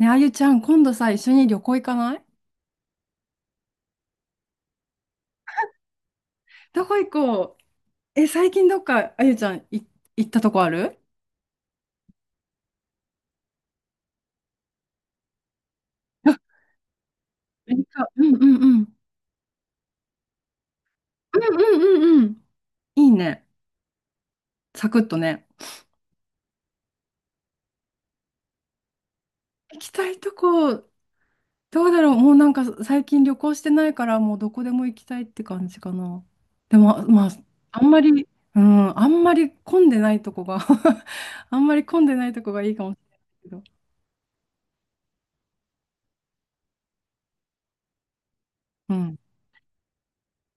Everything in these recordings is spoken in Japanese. ね、あゆちゃん、今度さ、一緒に旅行行かない？どこ行こう。え、最近どっか、あゆちゃん、行ったとこある？あ。何かうんうんうん。うん。うんうんうん。いいね。サクッとね。行きたいとこ、どうだろう。もうなんか最近旅行してないから、もうどこでも行きたいって感じかな。でも、まあ、あんまり、うん、あんまり混んでないとこが あんまり混んでないとこがいいかもしれないけど。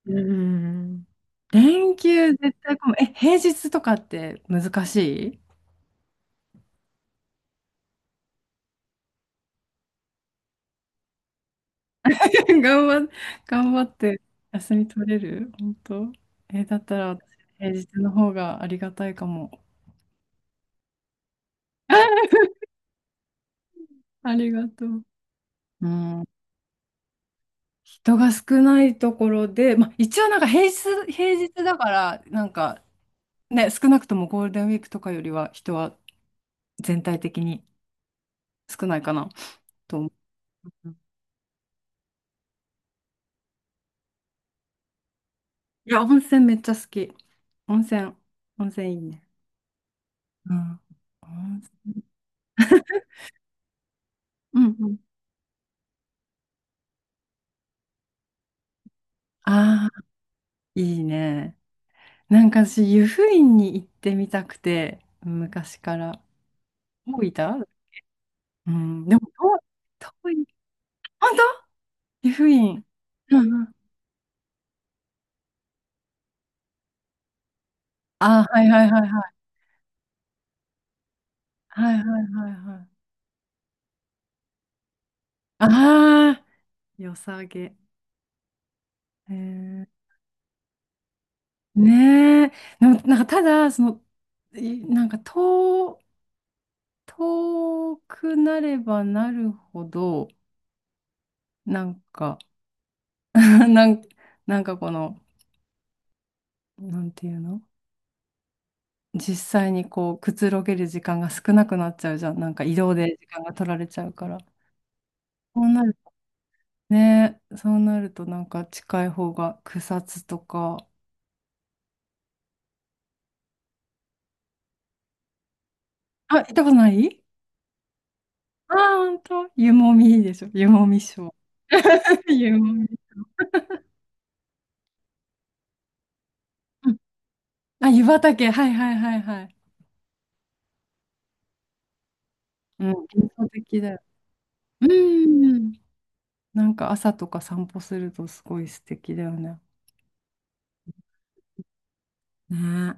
うん。連休絶対こむ。え、平日とかって難しい？ 頑張っ、頑張って休み取れる本当？え、だったら私、平日の方がありがたいかも。ありがとう。うん。人が少ないところで、まあ、一応なんか平日だから、なんかね、少なくともゴールデンウィークとかよりは人は全体的に少ないかなと思う。いや、温泉めっちゃ好き。温泉、温泉いいね。うん。うんうん。ああ、いいね。なんか私、湯布院に行ってみたくて、昔から。大分。うん。でも、遠い。遠い本当？湯布院。うんうん。ああ、はいはいはいはい。はいはいはいはい。ああ、良さげ。えー、ねえ。でも、なんかただ、その、なんか遠くなればなるほど、なんか、なん、なんかこの、なんていうの？実際にこう、くつろげる時間が少なくなっちゃうじゃん。なんか移動で時間が取られちゃうから。そうなるね、そうなるとなんか近い方が草津とか。あ、行ったことない？ああー、ほんと？湯もみいいでしょ。湯もみショー。湯もみ。うん。あ、湯畑。はいはいはいはい。うん、幻想的だよ。うん。なんか朝とか散歩するとすごい素敵だよね。ね。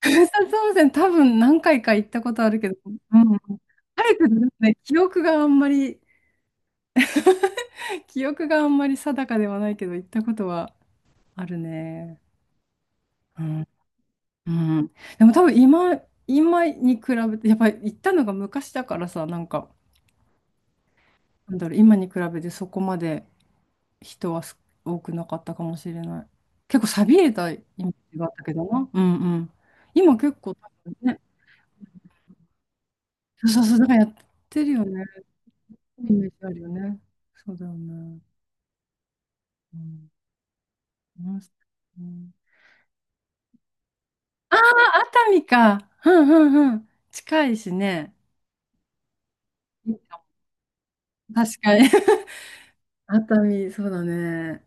草津温泉多分何回か行ったことあるけど、うん。早くですね、記憶があんまり、記憶があんまり定かではないけど、行ったことはあるね。うん。うん。でも多分今に比べて、やっぱり行ったのが昔だからさ、なんか、なんだろう、今に比べてそこまで人は多くなかったかもしれない。結構寂れたイメージがあったけどな。うんうん。今結構多分ね、そうそうそう、なんかやってるよね。イメージあるよね。そうだよね。うん。うんうん。ああ、熱海か。うんうんうん。近いしね。いいかも確かに。熱海、そうだね。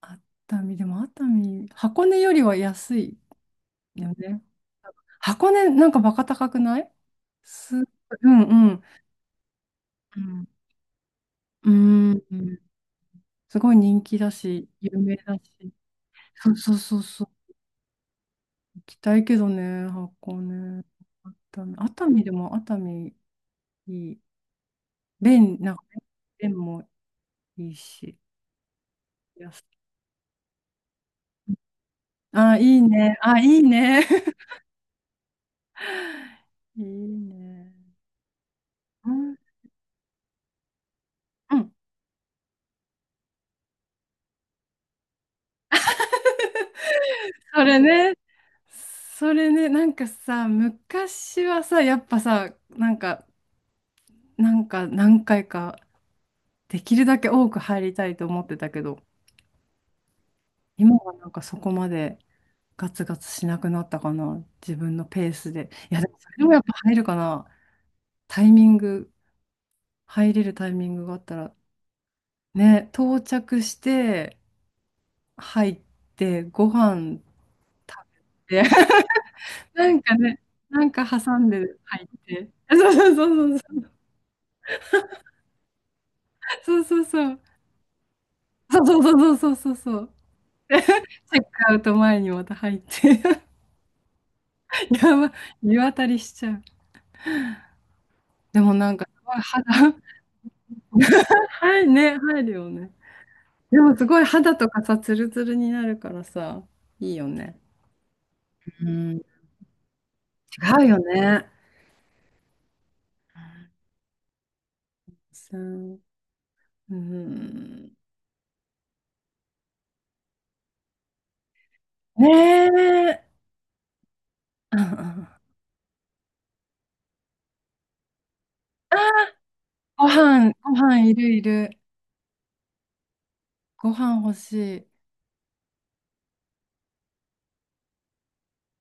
熱海、でも熱海、箱根よりは安いよね。箱根、なんかバカ高くない？うん。うん。うん、うんうん。すごい人気だし、有名だし。そうそうそうそう。行きたいけどね、箱根。熱海、熱海でも熱海いい。なんかね、便もいいし。やすあ、いいね。あ、いいね。いいね。うん。うん。それね。それね。なんかさ、昔はさ、やっぱさ、なんか何回か、できるだけ多く入りたいと思ってたけど、今はなんかそこまでガツガツしなくなったかな。自分のペースで。いや、でもそれでもやっぱ入るかな。タイミング、入れるタイミングがあったら。ね、到着して、入って、ご飯食べて、なんかね、なんか挟んで入って、そうそうそうそう、そうそうそう、そうそうそうそうそうそう、チェックアウト前にまた入って、やば、湯あたりしちゃう。でもなんか、すごい肌。はいね、入るよね。でもすごい肌とかさ、ツルツルになるからさ、いいよね。うん、違うよね。そうん、うん。ねえ。うんうん。ああ、ご飯いるいる。ご飯欲しい。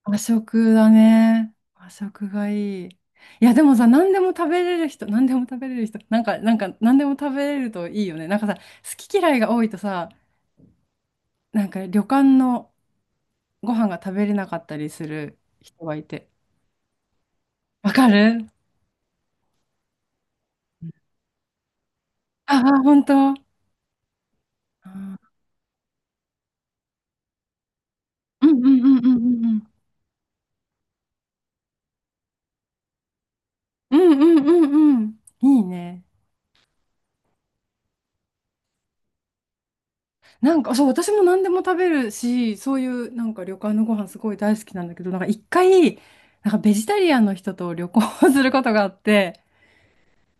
和食だね。和食がいい。いや、でもさ、何でも食べれる人、なんか、何でも食べれるといいよね。なんかさ、好き嫌いが多いとさ、なんか旅館のご飯が食べれなかったりする人がいて。わかる。ああ、本当？うんうんうんうんうんうん。うんうんうんうん。いいね。なんか、そう、私も何でも食べるし、そういうなんか旅館のご飯すごい大好きなんだけど、なんか一回、なんかベジタリアンの人と旅行をすることがあって、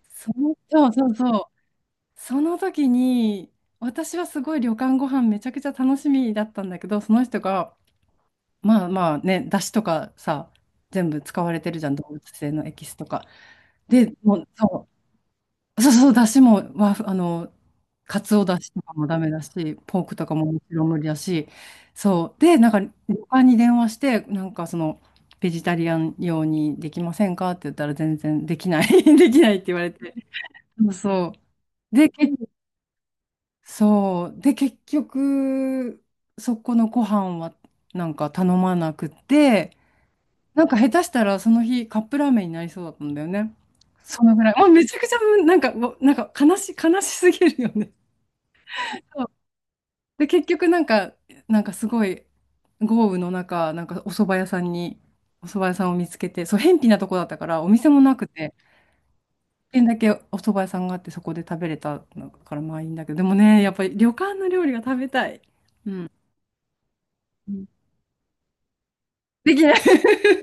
その、そうそうそう、その時に、私はすごい旅館ご飯めちゃくちゃ楽しみだったんだけど、その人が、まあまあね、出汁とかさ、全部使われてるじゃん、動物性のエキスとか。で、もう、そうそうそう、出汁も、和風あの、かつお出汁とかもダメだし、ポークとかももちろん無理だし、そう。で、なんか、旅館に電話して、なんかその、ベジタリアン用にできませんかって言ったら全然できない、できないって言われて。そうそう。で、そう。で、結局、そこのご飯はなんか頼まなくて、なんか下手したらその日カップラーメンになりそうだったんだよね。そのぐらい。もうめちゃくちゃなんか、もうなんか悲しすぎるよね。そうで、結局なんか、なんかすごい豪雨の中、お蕎麦屋さんを見つけて、そう、辺鄙なとこだったから、お店もなくて、一軒だけお蕎麦屋さんがあって、そこで食べれたのからまあいいんだけど、でもね、やっぱり旅館の料理が食べたい。うん。うん。できない。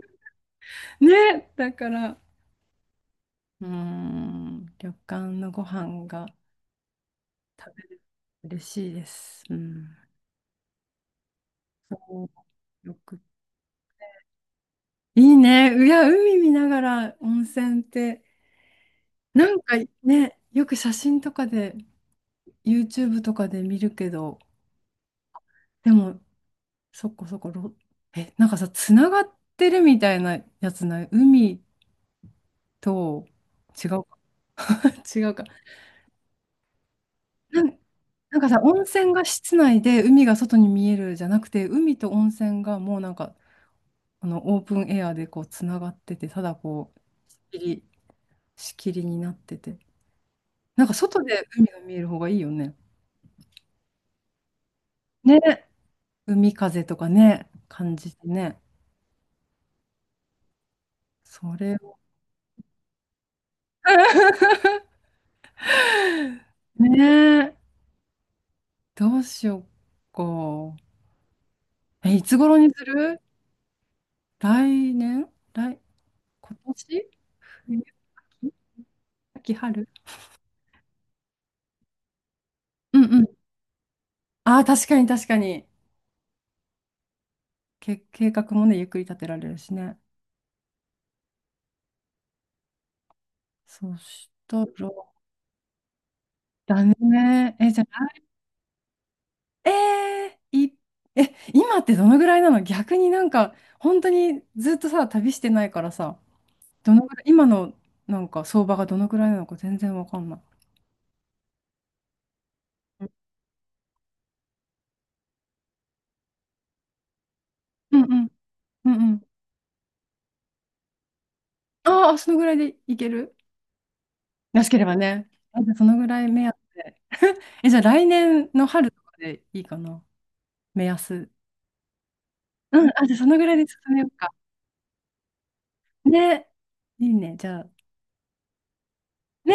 ね、だから、うーん、旅館のご飯が。食べれる嬉しいです。うん。そう。よく。いいね。いや、海見ながら温泉って、なんかね、よく写真とかで、YouTube とかで見るけど、でも、そこそこ、なんかさ、つながってるみたいなやつない？海と、違うか。違うか。なんなんかさ、温泉が室内で海が外に見えるじゃなくて、海と温泉がもうなんかあのオープンエアでこうつながってて、ただこう、仕切り、仕切りになってて、なんか外で海が見える方がいいよね。ね、海風とかね、感じてね。それを ねえ、どうしようか。え、いつ頃にする？来年今年、冬、秋、春。うんうん。ああ、確かに確かに。計画もね、ゆっくり立てられるしね。そしたら、だね。え、じゃあえー、い、え、今ってどのぐらいなの？逆になんか、本当にずっとさ、旅してないからさ、どのぐらい、今のなんか相場がどのぐらいなのか全然わかんない。うんうん。うんうん。ああ、そのぐらいでいける？安ければね。あ、じゃあそのぐらい目安で。え、じゃあ来年の春とかでいいかな？目安。うん、あ、じゃあそのぐらいで進めようか。ね。いいね、じゃあ。ね